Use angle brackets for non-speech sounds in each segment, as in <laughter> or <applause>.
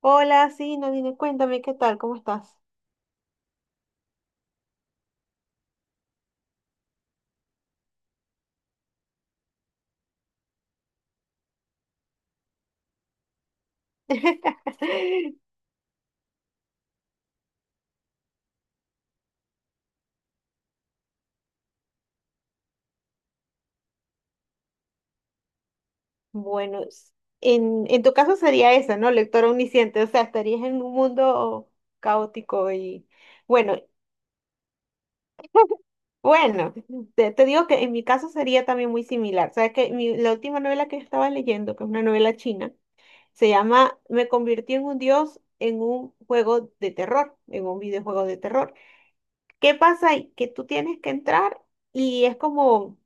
Hola, sí, Nadine, cuéntame qué tal, ¿cómo estás? <laughs> Bueno, en tu caso sería esa, ¿no? Lectora omnisciente, o sea, estarías en un mundo caótico y bueno, bueno, te digo que en mi caso sería también muy similar. Sabes que mi- la última novela que estaba leyendo, que es una novela china, se llama Me convertí en un dios en un juego de terror, en un videojuego de terror. ¿Qué pasa ahí? Que tú tienes que entrar y es como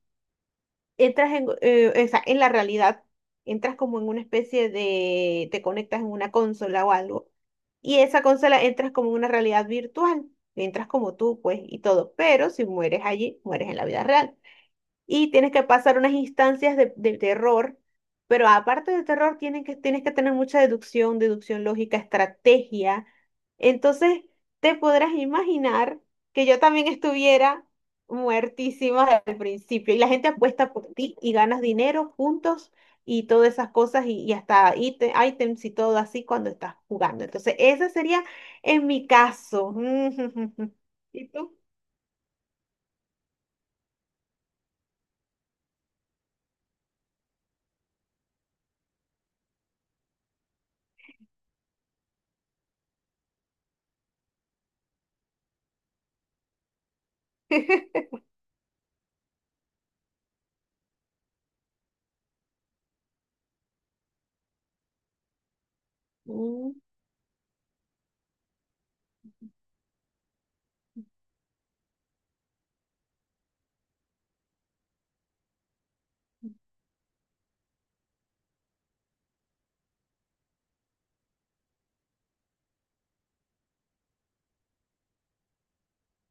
entras o sea, en la realidad, entras como en una especie de, te conectas en una consola o algo, y esa consola entras como en una realidad virtual, entras como tú, pues, y todo, pero si mueres allí, mueres en la vida real y tienes que pasar unas instancias de terror, pero aparte de terror tienen que, tienes que tener mucha deducción, deducción lógica, estrategia. Entonces, te podrás imaginar que yo también estuviera muertísima al principio y la gente apuesta por ti y ganas dinero juntos y todas esas cosas y hasta ítem- ítems y todo así cuando estás jugando. Entonces, ese sería en mi caso. <laughs> ¿Y tú?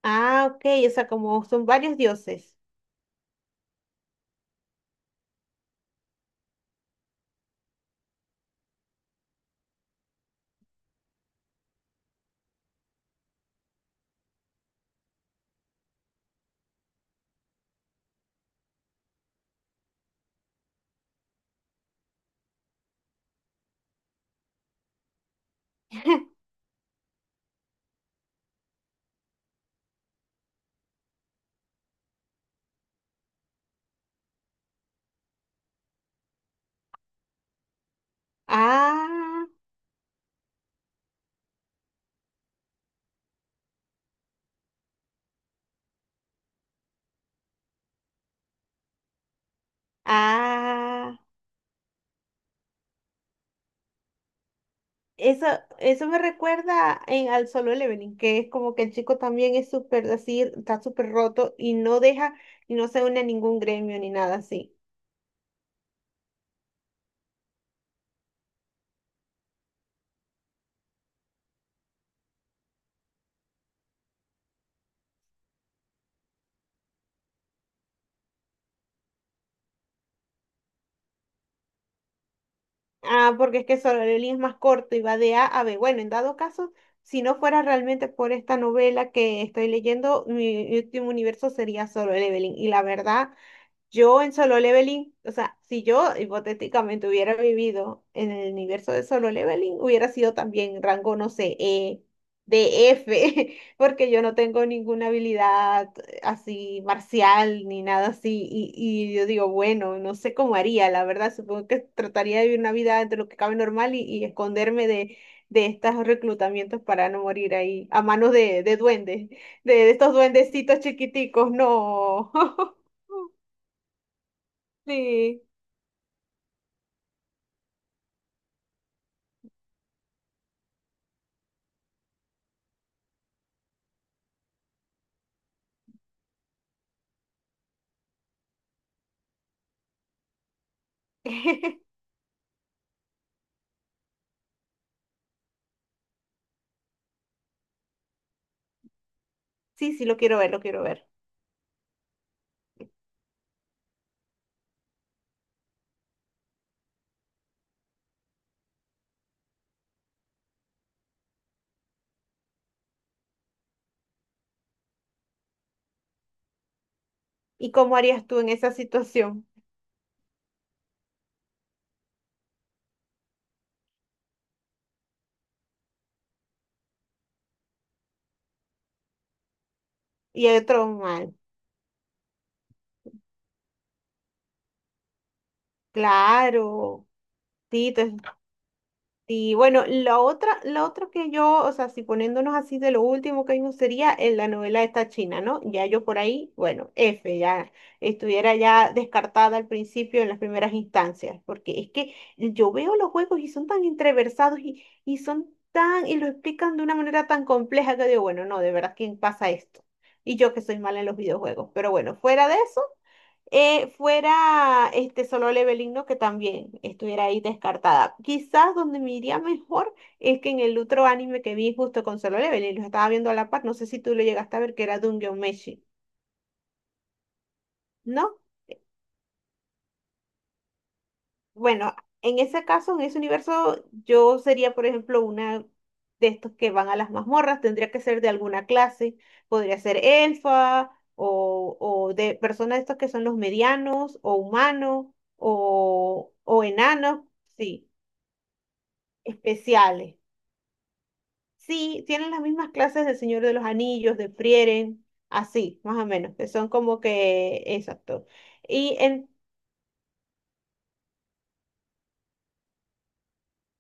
Ah, ok, o sea, como son varios dioses. <laughs> Ah, ah, eso, eso me recuerda al Solo Leveling, que es como que el chico también es súper así, está súper roto y no deja y no se une a ningún gremio ni nada así. Ah, porque es que Solo Leveling es más corto y va de A a B. Bueno, en dado caso, si no fuera realmente por esta novela que estoy leyendo, mi último universo sería Solo Leveling. Y la verdad, yo en Solo Leveling, o sea, si yo hipotéticamente hubiera vivido en el universo de Solo Leveling, hubiera sido también rango, no sé, E, de F, <laughs> porque yo no tengo ninguna habilidad así marcial ni nada así. Y yo digo, bueno, no sé cómo haría, la verdad, supongo que trataría de vivir una vida entre lo que cabe normal y esconderme de estos reclutamientos para no morir ahí a manos de duendes, de estos duendecitos chiquiticos, no. <laughs> Sí. <laughs> Sí, sí, lo quiero ver, lo quiero ver. ¿Y cómo harías tú en esa situación? Y el tron Claro, sí. Y bueno, la otra que yo, o sea, si poniéndonos así de lo último que vimos sería en la novela esta china, ¿no? Ya yo por ahí, bueno, F, ya estuviera ya descartada al principio en las primeras instancias, porque es que yo veo los juegos y son tan entreversados y son tan, y lo explican de una manera tan compleja que digo, bueno, no, de verdad, ¿quién pasa esto? Y yo que soy mala en los videojuegos, pero bueno, fuera de eso fuera este solo leveling, ¿no? Que también estuviera ahí descartada. Quizás donde me iría mejor es que en el otro anime que vi justo con solo leveling, lo estaba viendo a la par, no sé si tú lo llegaste a ver, que era Dungeon Meshi, ¿no? Bueno, en ese caso, en ese universo, yo sería, por ejemplo, una de estos que van a las mazmorras, tendría que ser de alguna clase, podría ser elfa o de personas de estos que son los medianos o humanos o enanos. Sí, especiales. Sí, tienen las mismas clases del Señor de los Anillos, de Frieren, así, más o menos, que son como que, exacto. Y en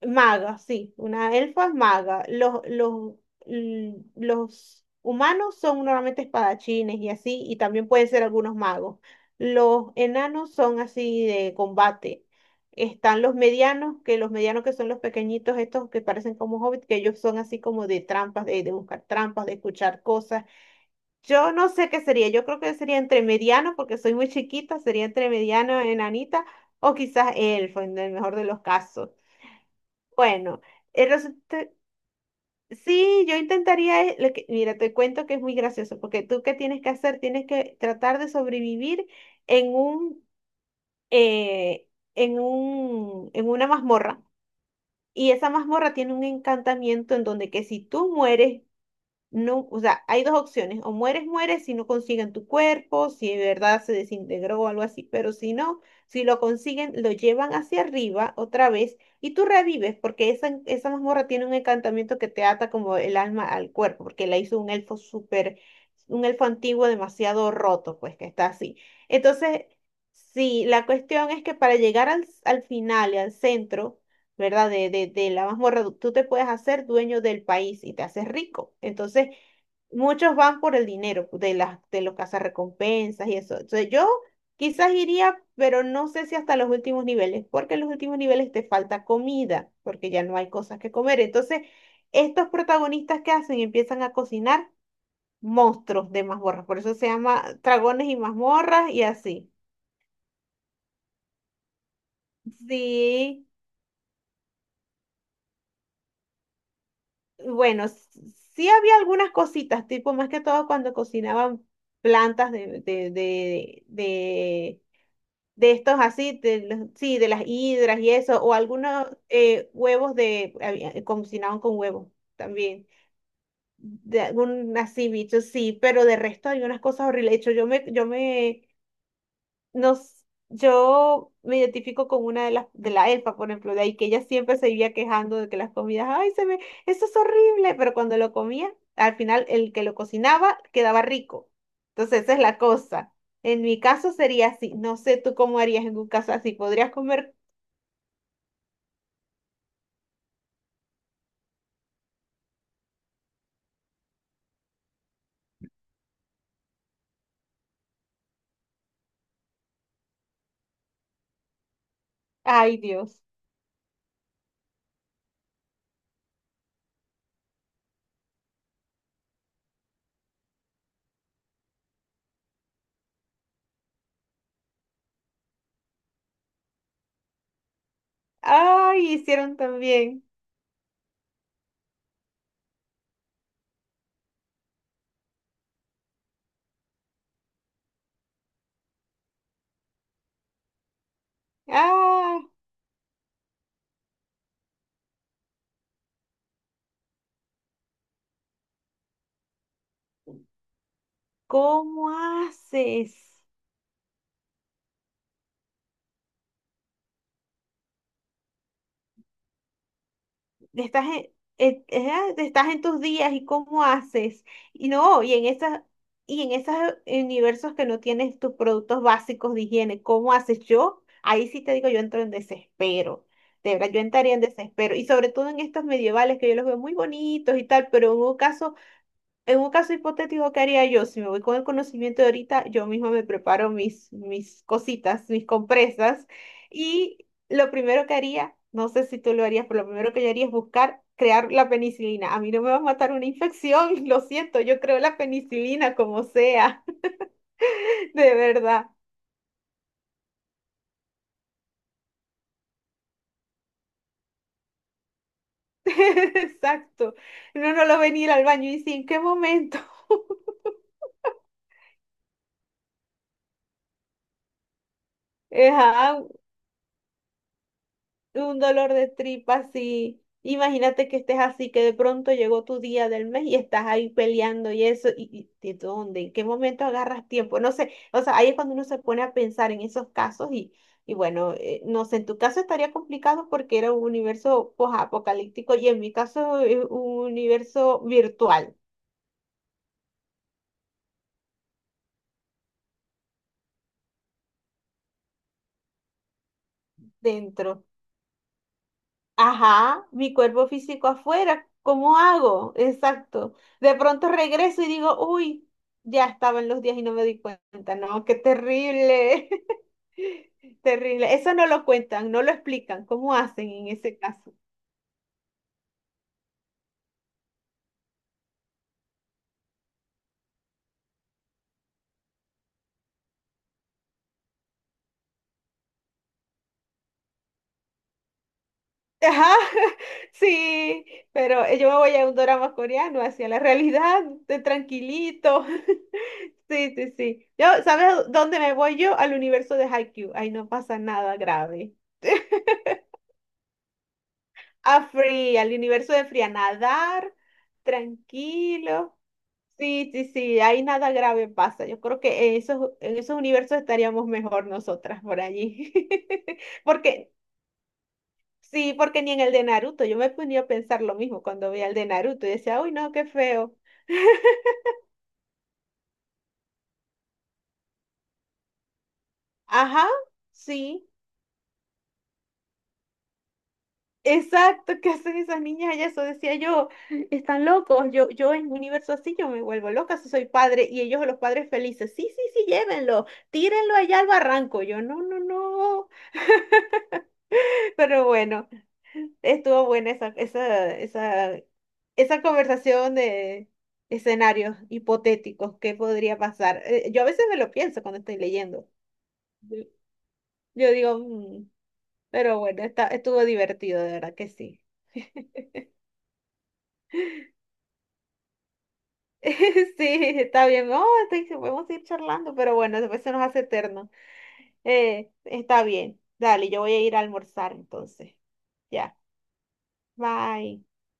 maga, sí, una elfa es maga. Los humanos son normalmente espadachines y así, y también pueden ser algunos magos. Los enanos son así de combate. Están los medianos que son los pequeñitos, estos que parecen como hobbits, que ellos son así como de trampas, de buscar trampas, de escuchar cosas. Yo no sé qué sería, yo creo que sería entre mediano, porque soy muy chiquita, sería entre mediano, enanita, o quizás elfo, en el mejor de los casos. Bueno, eh, resulta- sí, yo intentaría, lo que- mira, te cuento que es muy gracioso, porque tú qué tienes que hacer, tienes que tratar de sobrevivir en un, eh, en una mazmorra. Y esa mazmorra tiene un encantamiento en donde que si tú mueres, no, o sea, hay dos opciones, o mueres, mueres si no consiguen tu cuerpo, si de verdad se desintegró o algo así, pero si no, si lo consiguen, lo llevan hacia arriba otra vez y tú revives, porque esa mazmorra tiene un encantamiento que te ata como el alma al cuerpo, porque la hizo un elfo súper, un elfo antiguo demasiado roto, pues que está así. Entonces, sí, la cuestión es que para llegar al, al final y al centro, ¿verdad? De la mazmorra, tú te puedes hacer dueño del país y te haces rico. Entonces, muchos van por el dinero de las de los cazarrecompensas y eso. Entonces, yo quizás iría, pero no sé si hasta los últimos niveles, porque en los últimos niveles te falta comida, porque ya no hay cosas que comer. Entonces, estos protagonistas que hacen empiezan a cocinar monstruos de mazmorras, por eso se llama dragones y mazmorras y así. Sí, bueno, sí había algunas cositas, tipo más que todo cuando cocinaban plantas de estos así, de los- sí, de las hidras y eso, o algunos huevos de, había- cocinaban con huevos también, de algún así bicho, sí, pero de resto hay unas cosas horribles. De hecho, yo me nos, yo me identifico con una de las, de la elfa, por ejemplo, de ahí que ella siempre se vivía quejando de que las comidas, ay, se me, eso es horrible, pero cuando lo comía, al final el que lo cocinaba quedaba rico. Entonces, esa es la cosa. En mi caso sería así. No sé tú cómo harías en un caso así. ¿Podrías comer? Ay, Dios. Ay, hicieron también. Ah, ¿cómo haces? Estás en, estás en tus días y cómo haces. Y no, y en esas, y en esos universos que no tienes tus productos básicos de higiene, ¿cómo haces yo? Ahí sí te digo, yo entro en desespero. De verdad, yo entraría en desespero. Y sobre todo en estos medievales que yo los veo muy bonitos y tal, pero en un caso hipotético, ¿qué haría yo? Si me voy con el conocimiento de ahorita, yo misma me preparo mis, mis cositas, mis compresas. Y lo primero que haría, no sé si tú lo harías, pero lo primero que yo haría es buscar crear la penicilina. A mí no me va a matar una infección, <laughs> lo siento, yo creo la penicilina como sea, <laughs> de verdad. <laughs> Exacto. No, no lo venir al baño y dice, ¿en qué momento? <laughs> Ajá, un dolor de tripa así. Imagínate que estés así, que de pronto llegó tu día del mes y estás ahí peleando y eso, y ¿de dónde? ¿En qué momento agarras tiempo? No sé, o sea, ahí es cuando uno se pone a pensar en esos casos y bueno, no sé, en tu caso estaría complicado porque era un universo posapocalíptico y en mi caso es un universo virtual dentro. Ajá, mi cuerpo físico afuera, ¿cómo hago? Exacto. De pronto regreso y digo, uy, ya estaba en los días y no me di cuenta. No, qué terrible. <laughs> Terrible. Eso no lo cuentan, no lo explican. ¿Cómo hacen en ese caso? Ajá, <laughs> sí, pero yo me voy a un drama coreano hacia la realidad, de tranquilito. <laughs> Sí, sí, sí. Yo, ¿sabes dónde me voy yo? Al universo de Haikyuu. Ahí no pasa nada grave. A Free, al universo de Free, a nadar, tranquilo. Sí, sí, sí, ahí nada grave pasa. Yo creo que en esos universos estaríamos mejor nosotras por allí. <laughs> Porque, sí, porque ni en el de Naruto, yo me ponía a pensar lo mismo cuando veía el de Naruto y decía, uy, no, qué feo. Ajá, sí. Exacto, ¿qué hacen esas niñas allá? Eso decía yo, están locos, yo en un universo así yo me vuelvo loca si soy padre y ellos los padres felices, sí, sí, sí, llévenlo, tírenlo allá al barranco, yo no, no, no, <laughs> pero bueno, estuvo buena esa conversación de escenarios hipotéticos, ¿qué podría pasar? Yo a veces me lo pienso cuando estoy leyendo, yo, yo digo, "Mm", pero bueno, estuvo divertido, de verdad que sí. <laughs> Sí, está bien. Podemos ir charlando, pero bueno, después se nos hace eterno. Está bien. Dale, yo voy a ir a almorzar entonces. Ya. Bye.